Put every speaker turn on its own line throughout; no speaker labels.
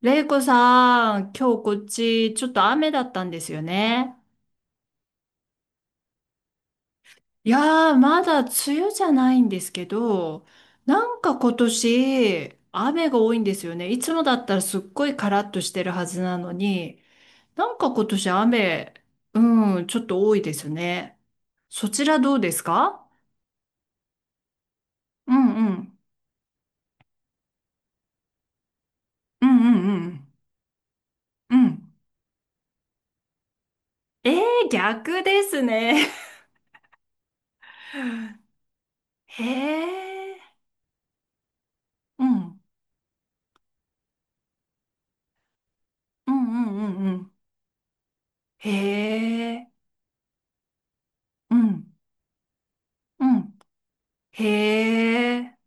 レイコさん、今日こっちちょっと雨だったんですよね。いやー、まだ梅雨じゃないんですけど、なんか今年雨が多いんですよね。いつもだったらすっごいカラッとしてるはずなのに、なんか今年雨、うん、ちょっと多いですね。そちらどうですか？うんうん。うんうんうん。うん。えー、逆ですね。へえ。うん。うんうんうんうん。へえ。うん。うん。へえ。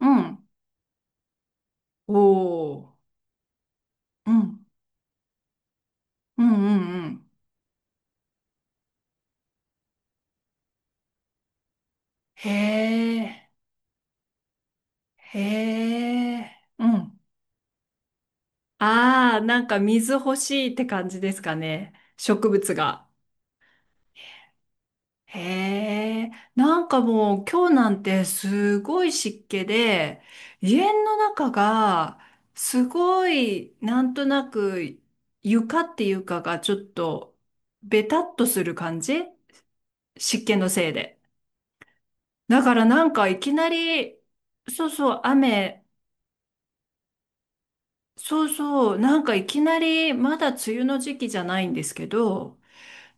うん。おお。うん。うんうんうん。へえ。へえ。うん。ああ、なんか水欲しいって感じですかね。植物が。へえ。なんかもう今日なんてすごい湿気で、家の中がすごいなんとなく床っていうかがちょっとベタっとする感じ、湿気のせいで。だからなんかいきなり、そうそう、雨、そうそう、なんかいきなり、まだ梅雨の時期じゃないんですけど、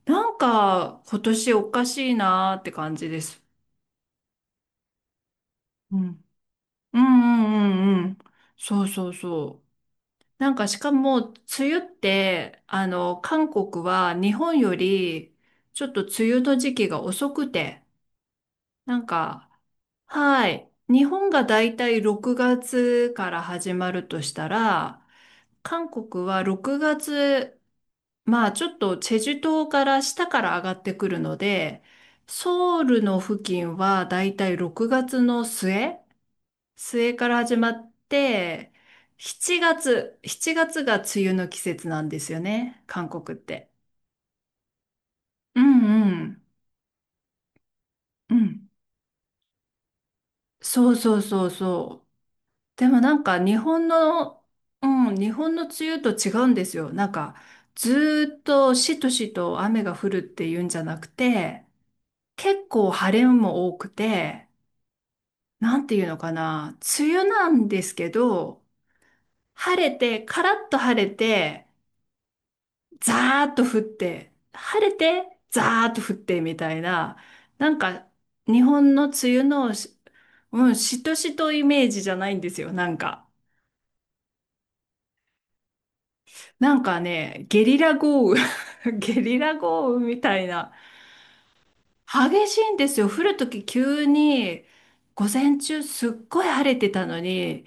なんか今年おかしいなーって感じです。うん。うんうんうんうん。そうそうそう。なんかしかも、梅雨って、韓国は日本より、ちょっと梅雨の時期が遅くて、なんか、はい。日本がだいたい6月から始まるとしたら、韓国は6月、まあちょっとチェジュ島から下から上がってくるので、ソウルの付近はだいたい6月の末から始まって、7月、7月がつが梅雨の季節なんですよね、韓国って。うんうん。うん。そうそうそうそう。でもなんか日本の、う日本の梅雨と違うんですよ。なんかずーっとしとしと雨が降るっていうんじゃなくて、結構晴れも多くて、なんていうのかな、梅雨なんですけど、晴れて、カラッと晴れて、ザーッと降って、晴れて、ザーッと降ってみたいな、なんか日本の梅雨のし、うん、しとしとイメージじゃないんですよ、なんか。なんかね、ゲリラ豪雨 ゲリラ豪雨みたいな。激しいんですよ。降るとき急に、午前中すっごい晴れてたのに、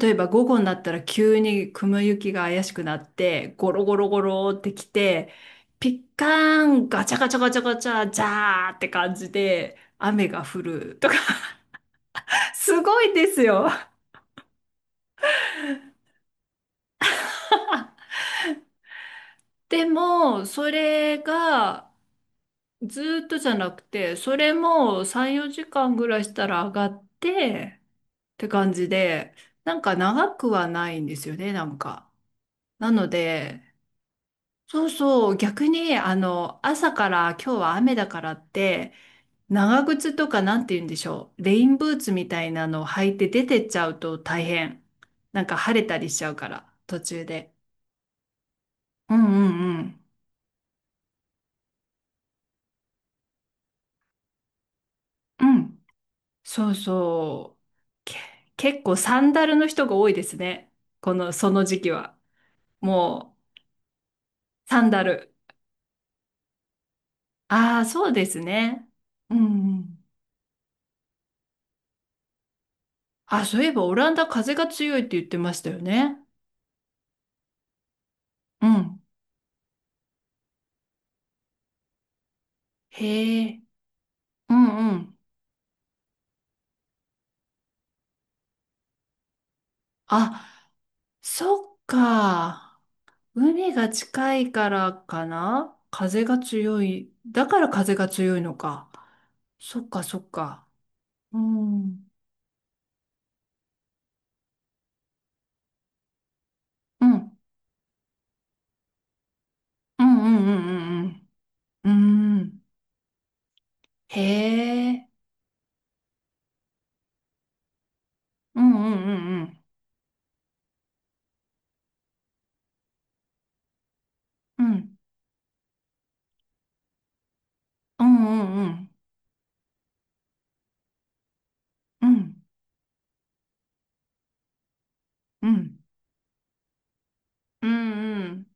例えば午後になったら急に雲行きが怪しくなって、ゴロゴロゴロってきて、ピッカーン、ガチャガチャガチャガチャ、ジャーって感じで雨が降るとか、すごいですよ。でも、それがずーっとじゃなくて、それも3、4時間ぐらいしたら上がってって感じで、なんか長くはないんですよね、なんか。なので、そうそう、逆に、朝から今日は雨だからって、長靴とかなんて言うんでしょう。レインブーツみたいなのを履いて出てっちゃうと大変。なんか晴れたりしちゃうから、途中で。うんうんうん。うん。そうそう。け、結構サンダルの人が多いですね。この、その時期は。もう、サンダル。ああ、そうですね。うんうん。あ、そういえばオランダ風が強いって言ってましたよね。うん。へえ。うんうん。あ、そっか。海が近いからかな、風が強い。だから風が強いのか。そっかそっか。うん。うん。うんうんうんうんうん。うん。へえ。うんうんうんうん。うんうんうんうん。うんうんうん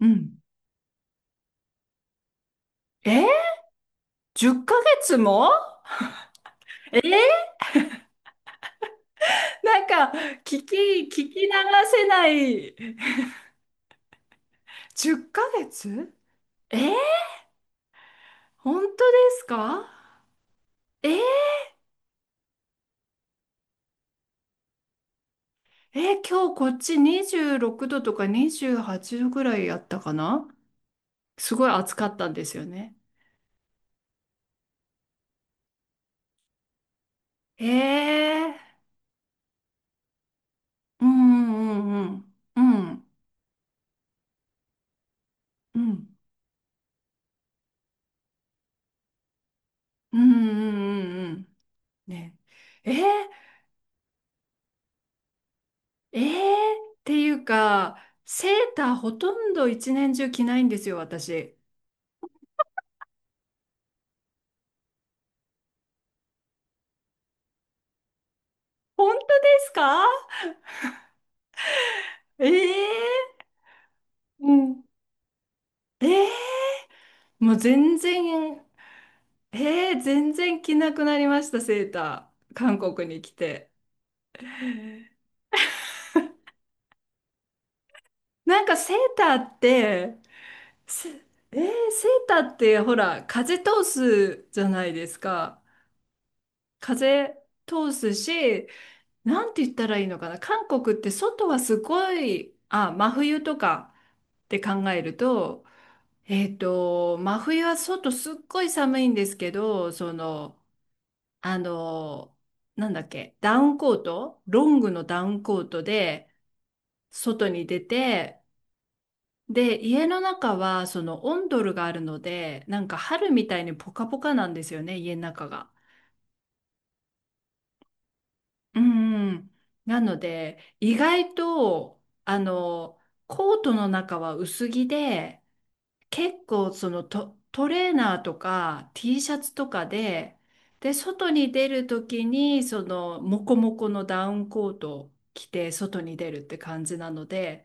うん。え？ 10 ヶ月も、え、なんか、聞き、聞き流せない。10ヶ月、え、本当ですか？えー、今日こっち26度とか28度ぐらいやったかな、すごい暑かったんですよね。ええー、うんうんうんうんうんうんうんうんうんうんね。えー、えー、っていうか、セーターほとんど一年中着ないんですよ、私。本当ですか？ええー、うん。えーもう全然着なくなりました、セーター。韓国に来て。なんかせえー、セーターってほら、風通すじゃないですか。風通すし、なんて言ったらいいのかな。韓国って外はすごい、あ、真冬とかって考えると、真冬は外すっごい寒いんですけど、その、あの、なんだっけ、ダウンコート、ロングのダウンコートで、外に出て、で、家の中はそのオンドルがあるので、なんか春みたいにポカポカなんですよね、家の中が。うんうん。なので、意外と、コートの中は薄着で、結構そのトレーナーとか T シャツとかで、で、外に出るときに、その、モコモコのダウンコートを着て、外に出るって感じなので、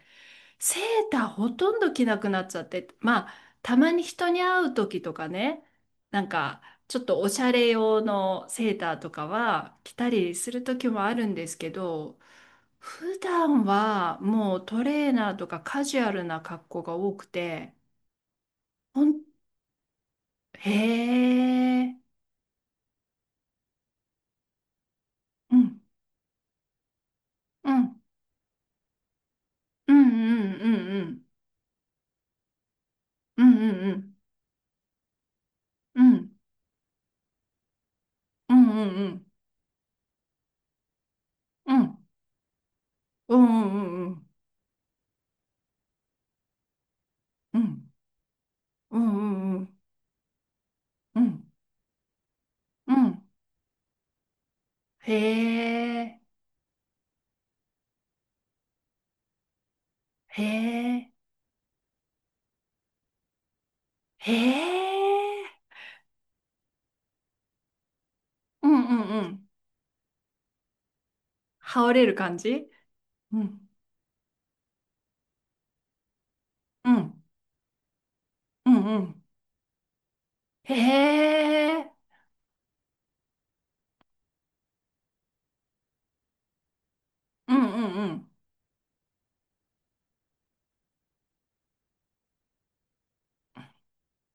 へえ、へえ、へえ。うんうんうん。羽織れる感じ。うん、うん、うん、うん。へえ、うんうんうん。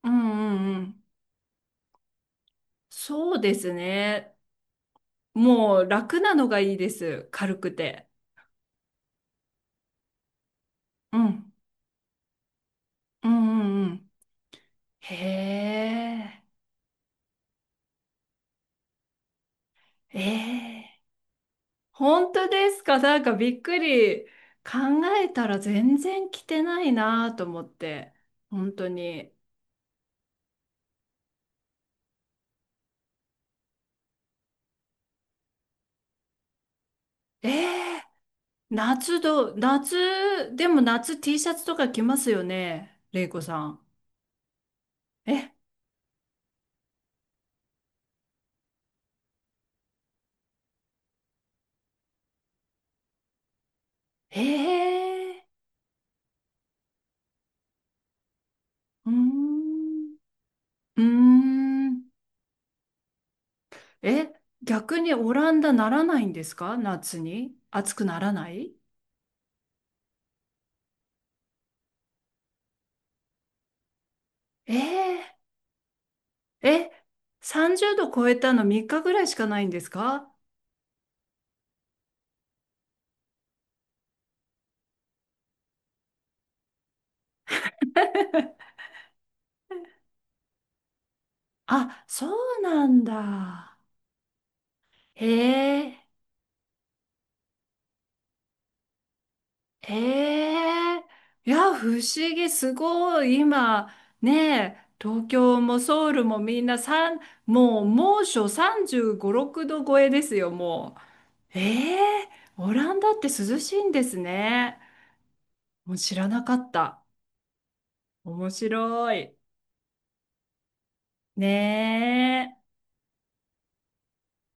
うんうんうん。そうですね。もう楽なのがいいです。軽くて。うん、うんうんうん。へえ、ええ。本当ですか？なんかびっくり。考えたら全然着てないなと思って。本当に。ええ、夏ど、夏、でも夏 T シャツとか着ますよね、れいこさん？え、へえ、うーん、うーん。え、逆にオランダならないんですか、夏に？暑くならない？えー、え、30度超えたの3日ぐらいしかないんですか？あ、そうなんだ。へえ、ええ。いや、不思議、すごい、今、ねえ、東京もソウルもみんなもう猛暑35、6度超えですよ、もう。ええ、オランダって涼しいんですね。もう知らなかった。面白い。ねえ。